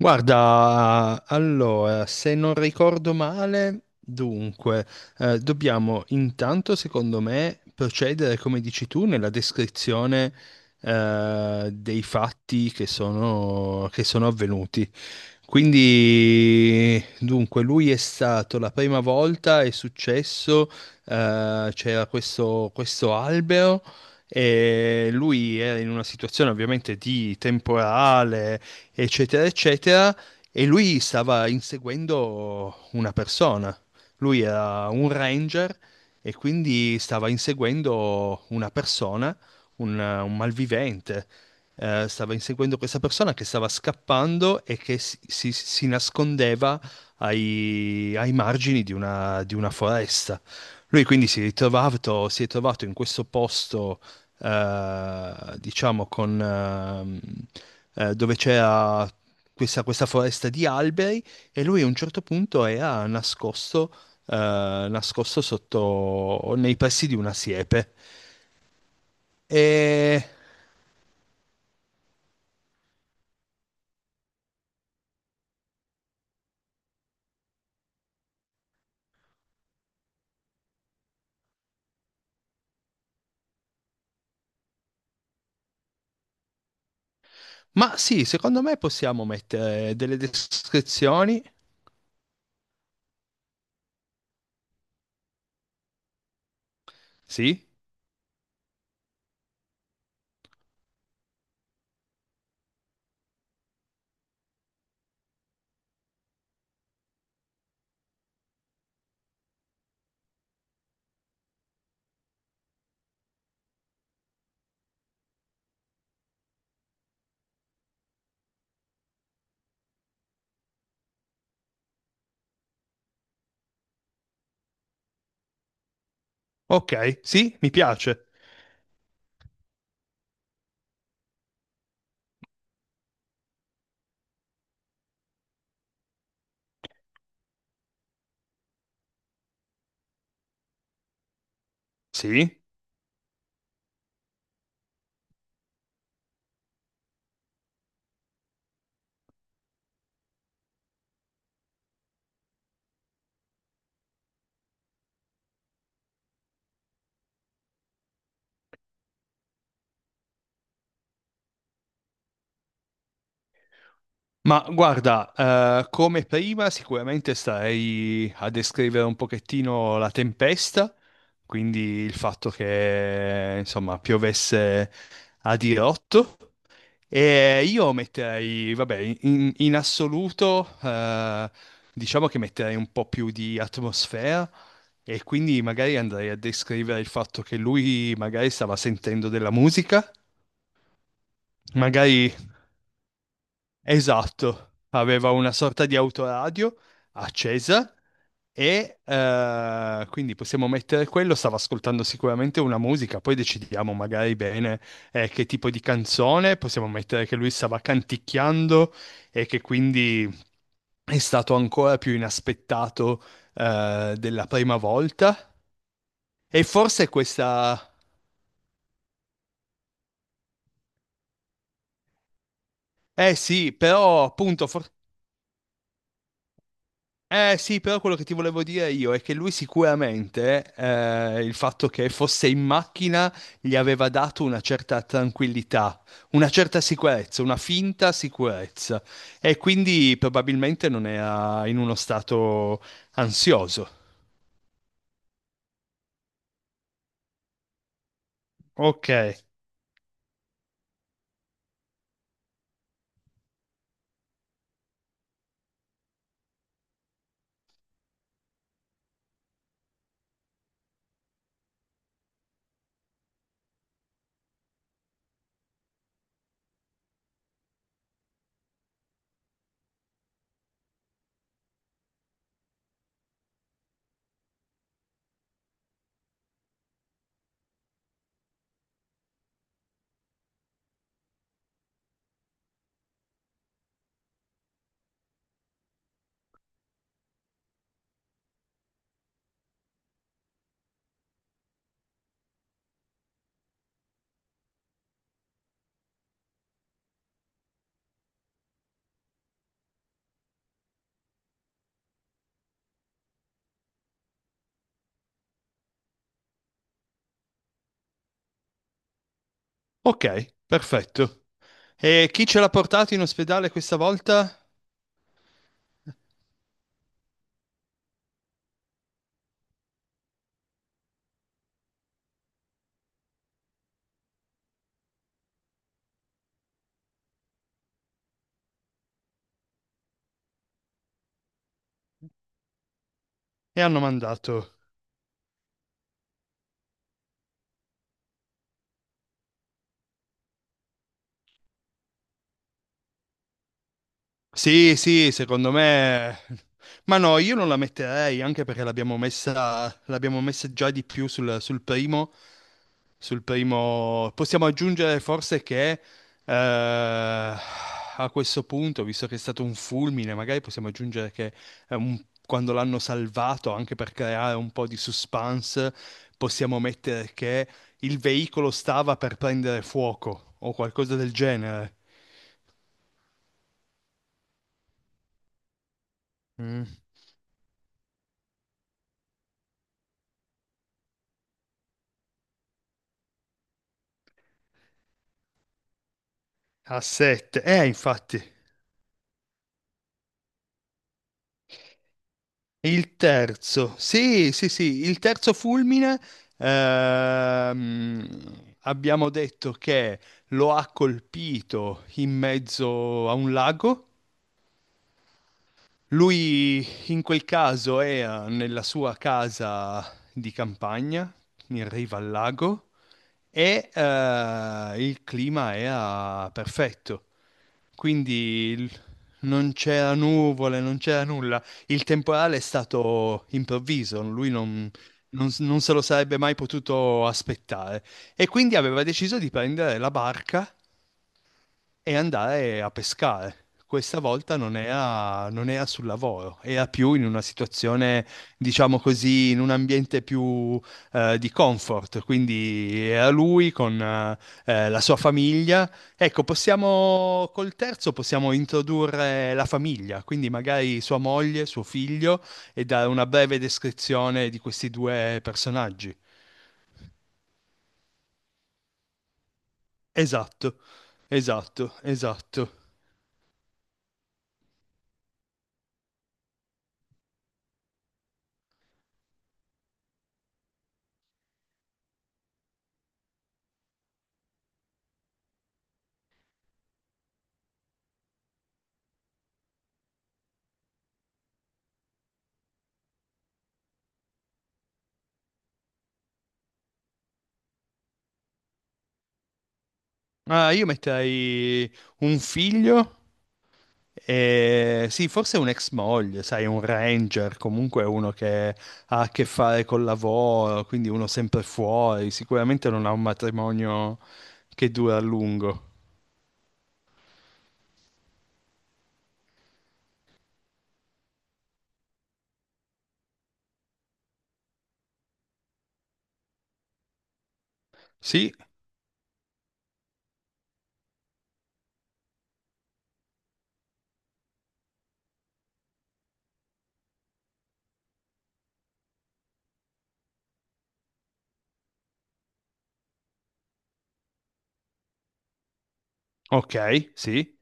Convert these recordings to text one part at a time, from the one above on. Guarda, allora, se non ricordo male, dunque, dobbiamo intanto, secondo me, procedere, come dici tu, nella descrizione, dei fatti che sono avvenuti. Quindi, dunque, lui è stato la prima volta, è successo, c'era questo albero e lui era in una situazione ovviamente di temporale, eccetera, eccetera, e lui stava inseguendo una persona. Lui era un ranger e quindi stava inseguendo una persona, un malvivente, stava inseguendo questa persona che stava scappando e che si nascondeva ai margini di una foresta. Lui quindi si è ritrovato, si è trovato in questo posto, diciamo, dove c'era questa foresta di alberi e lui a un certo punto era eh, nascosto sotto, nei pressi di una siepe. E Ma sì, secondo me possiamo mettere delle descrizioni. Sì, ok, sì, mi piace. Sì, ma guarda, come prima sicuramente starei a descrivere un pochettino la tempesta, quindi il fatto che, insomma, piovesse a dirotto. E io metterei, vabbè, in assoluto, diciamo che metterei un po' più di atmosfera e quindi magari andrei a descrivere il fatto che lui magari stava sentendo della musica, magari. Esatto, aveva una sorta di autoradio accesa e quindi possiamo mettere quello, stava ascoltando sicuramente una musica, poi decidiamo magari bene, che tipo di canzone, possiamo mettere che lui stava canticchiando e che quindi è stato ancora più inaspettato, della prima volta. E forse questa. Eh sì, però appunto. Eh sì, però quello che ti volevo dire io è che lui sicuramente, il fatto che fosse in macchina gli aveva dato una certa tranquillità, una certa sicurezza, una finta sicurezza e quindi probabilmente non era in uno stato ansioso. Ok, ok, perfetto. E chi ce l'ha portato in ospedale questa volta? E hanno mandato. Sì, sì, secondo me. Ma no, io non la metterei anche perché l'abbiamo messa già di più sul primo. Sul primo. Possiamo aggiungere forse che eh, a questo punto, visto che è stato un fulmine, magari possiamo aggiungere che quando l'hanno salvato, anche per creare un po' di suspense, possiamo mettere che il veicolo stava per prendere fuoco o qualcosa del genere. A 7, infatti. Il terzo, sì, sì, sì, il terzo fulmine, ehm, abbiamo detto che lo ha colpito in mezzo a un lago. Lui in quel caso era nella sua casa di campagna, in riva al lago, e il clima era perfetto. Quindi non c'era nuvole, non c'era nulla. Il temporale è stato improvviso, lui non se lo sarebbe mai potuto aspettare. E quindi aveva deciso di prendere la barca e andare a pescare. Questa volta non era sul lavoro, era più in una situazione, diciamo così, in un ambiente più, di comfort. Quindi era lui con la sua famiglia. Ecco, possiamo, col terzo possiamo introdurre la famiglia, quindi magari sua moglie, suo figlio, e dare una breve descrizione di questi due personaggi. Esatto, esatto, esatto. Ah, io metterei un figlio e sì, forse un ex moglie, sai, un ranger, comunque uno che ha a che fare col lavoro, quindi uno sempre fuori, sicuramente non ha un matrimonio che dura a lungo. Sì, ok, sì,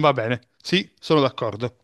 va bene, sì, sono d'accordo.